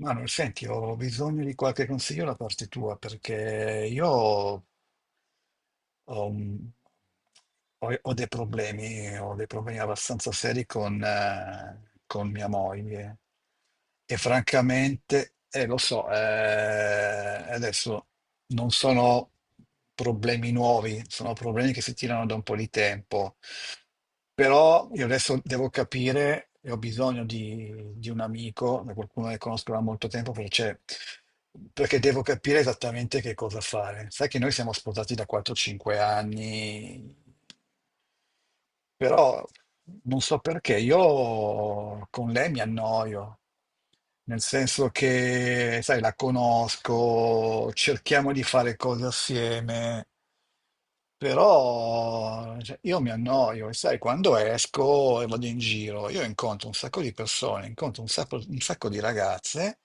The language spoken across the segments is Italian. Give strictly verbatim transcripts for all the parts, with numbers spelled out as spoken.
Manuel, senti, ho bisogno di qualche consiglio da parte tua perché io ho, ho un- ho- ho dei problemi, ho dei problemi abbastanza seri con, eh, con mia moglie e francamente, eh, lo so, eh, adesso non sono problemi nuovi, sono problemi che si tirano da un po' di tempo. Però io adesso devo capire, e ho bisogno di, di un amico, da qualcuno che conosco da molto tempo, perché, perché devo capire esattamente che cosa fare. Sai che noi siamo sposati da quattro cinque anni, però non so perché io con lei mi annoio, nel senso che, sai, la conosco, cerchiamo di fare cose assieme, però cioè, io mi annoio e sai, quando esco e vado in giro, io incontro un sacco di persone, incontro un sacco, un sacco di ragazze.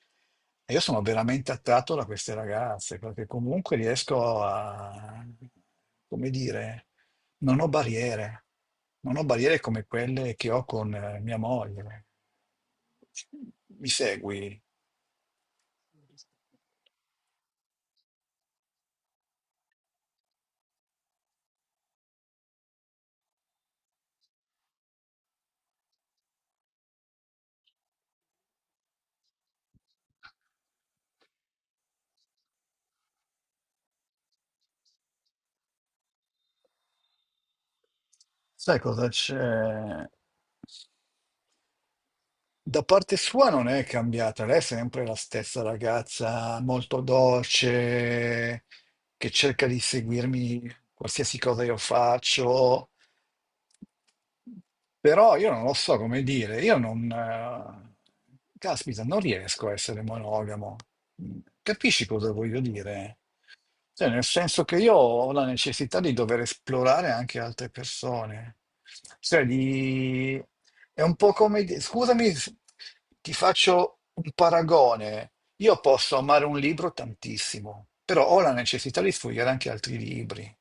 E Io sono veramente attratto da queste ragazze perché comunque riesco a, come dire, non ho barriere, non ho barriere come quelle che ho con eh, mia moglie. Mi segui? Sai cosa c'è? Da parte sua non è cambiata, lei è sempre la stessa ragazza, molto dolce, che cerca di seguirmi qualsiasi cosa io faccio. Però io non lo so come dire, io non... eh, caspita, non riesco a essere monogamo. Capisci cosa voglio dire? Cioè, nel senso che io ho la necessità di dover esplorare anche altre persone. Cioè, di- è un po' come... di- Scusami, s- Ti faccio un paragone. Io posso amare un libro tantissimo, però ho la necessità di sfogliare anche altri libri.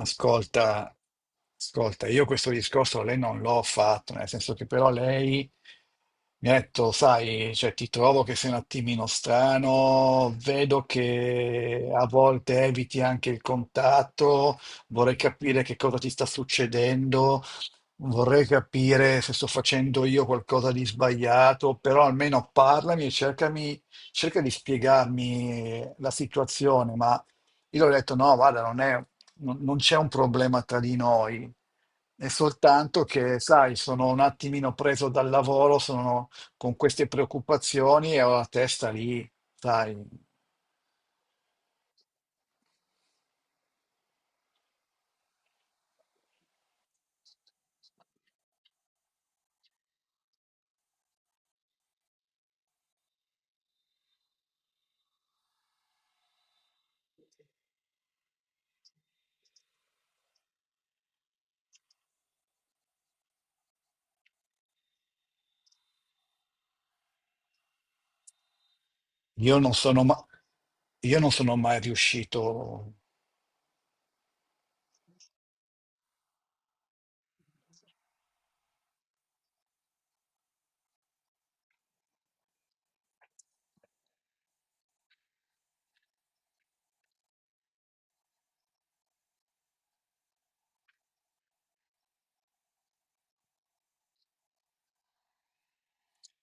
Ascolta, ascolta, io questo discorso a lei non l'ho fatto, nel senso che però lei mi ha detto, sai, cioè, ti trovo che sei un attimino strano, vedo che a volte eviti anche il contatto, vorrei capire che cosa ti sta succedendo. Vorrei capire se sto facendo io qualcosa di sbagliato, però almeno parlami e cercami, cerca di spiegarmi la situazione. Ma io le ho detto: no, guarda, non è- non- non c'è un problema tra di noi, è soltanto che, sai, sono un attimino preso dal lavoro, sono con queste preoccupazioni e ho la testa lì, sai. Io non sono ma- io non sono mai riuscito.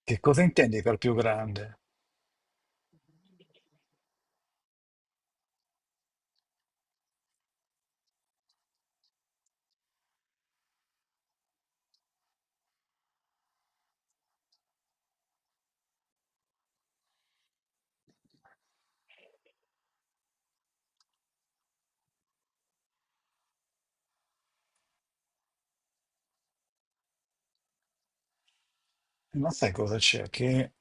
Che cosa intendi per più grande? Ma sai cosa c'è? Che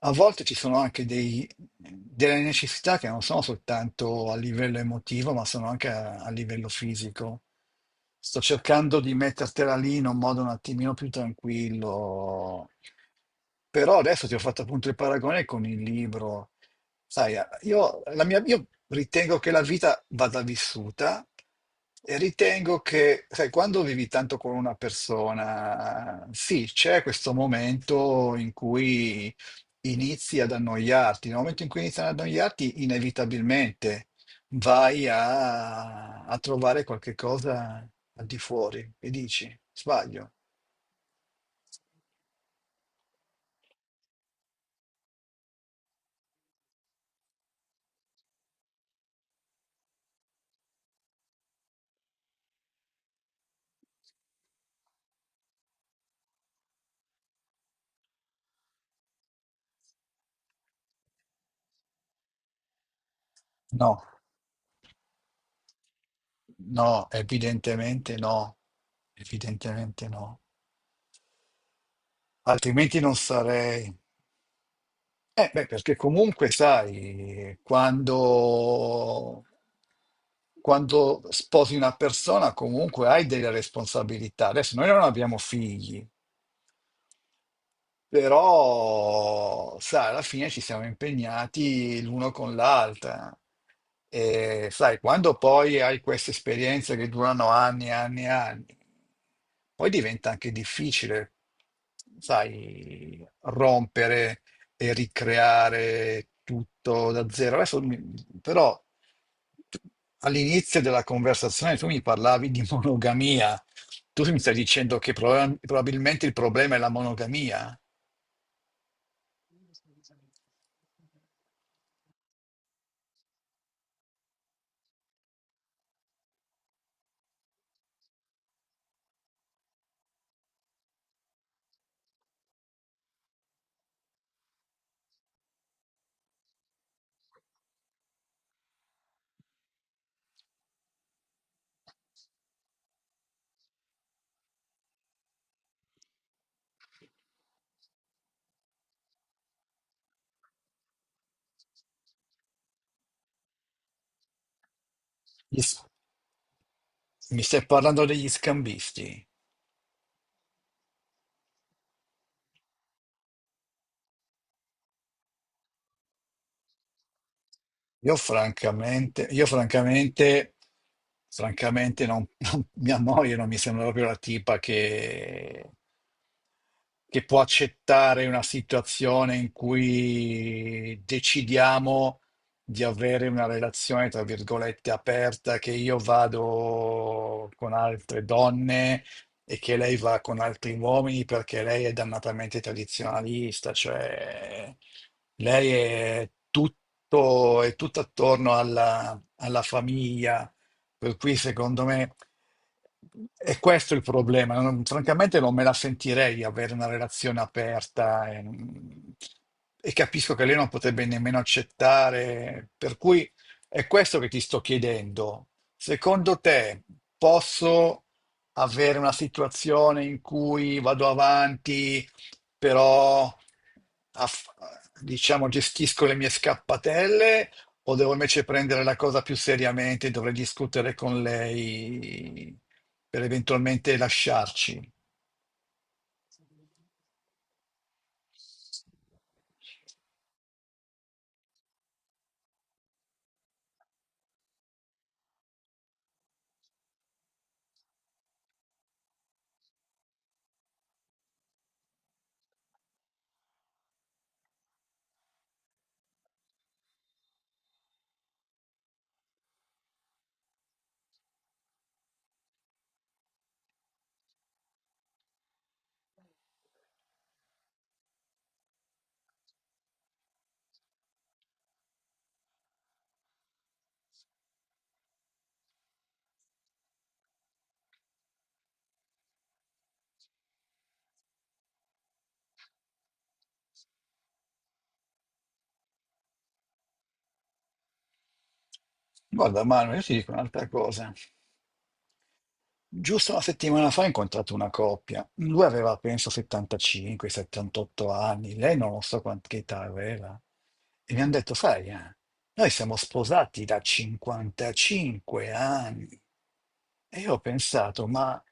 a volte ci sono anche dei- delle necessità che non sono soltanto a livello emotivo, ma sono anche a, a livello fisico. Sto cercando di mettertela lì in un modo un attimino più tranquillo. Però adesso ti ho fatto appunto il paragone con il libro. Sai, eh, io, la mia- io ritengo che la vita vada vissuta e ritengo che, sai, quando vivi tanto con una persona, sì, c'è questo momento in cui inizi ad annoiarti. Nel momento in cui inizi ad annoiarti, inevitabilmente vai a, a trovare qualche cosa al di fuori e dici, sbaglio. No, no, evidentemente no. Evidentemente no, altrimenti non sarei. Eh, beh, perché comunque sai, quando, quando sposi una persona comunque hai delle responsabilità. Adesso noi non abbiamo figli. Però, sai, alla fine ci siamo impegnati l'uno con l'altra. E sai, quando poi hai queste esperienze che durano anni e anni e anni, poi diventa anche difficile, sai, rompere e ricreare tutto da zero. Adesso, mi- però, tu- All'inizio della conversazione tu mi parlavi di monogamia. Tu mi stai dicendo che proba- probabilmente il problema è la monogamia? Gli s- Mi stai parlando degli scambisti? Io francamente, io francamente, Francamente non, non- mia moglie non mi sembra proprio la tipa che, che può accettare una situazione in cui decidiamo di avere una relazione, tra virgolette, aperta, che io vado con altre donne e che lei va con altri uomini perché lei è dannatamente tradizionalista, cioè lei è tutto, è tutto attorno alla, alla famiglia, per cui secondo me è questo il problema. Non- francamente non me la sentirei di avere una relazione aperta e, e capisco che lei non potrebbe nemmeno accettare, per cui è questo che ti sto chiedendo. Secondo te posso avere una situazione in cui vado avanti, però aff- diciamo gestisco le mie scappatelle o devo invece prendere la cosa più seriamente e dovrei discutere con lei per eventualmente lasciarci? Guarda, Manuel, io ti dico un'altra cosa. Giusto una settimana fa ho incontrato una coppia, lui aveva penso settantacinque a settantotto anni, lei non lo so quant- che età aveva, e mi hanno detto, sai, eh, noi siamo sposati da cinquantacinque anni. E io ho pensato, ma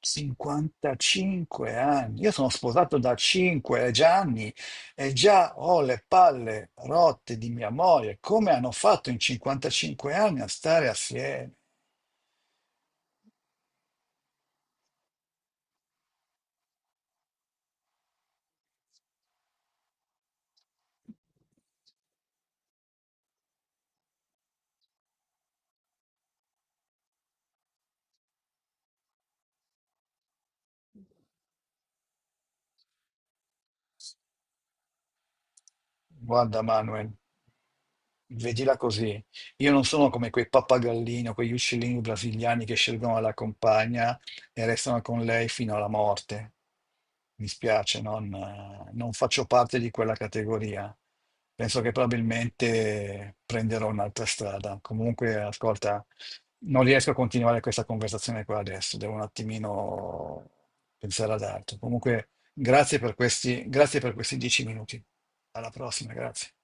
cinquantacinque anni, io sono sposato da cinque anni e già ho le palle rotte di mia moglie, come hanno fatto in cinquantacinque anni a stare assieme? Guarda Manuel, vedila così. Io non sono come quei pappagallini o quegli uccellini brasiliani che scelgono la compagna e restano con lei fino alla morte. Mi spiace, non, eh, non faccio parte di quella categoria. Penso che probabilmente prenderò un'altra strada. Comunque, ascolta, non riesco a continuare questa conversazione qua adesso, devo un attimino pensare ad altro. Comunque, Grazie per questi, grazie per questi dieci minuti. Alla prossima, grazie.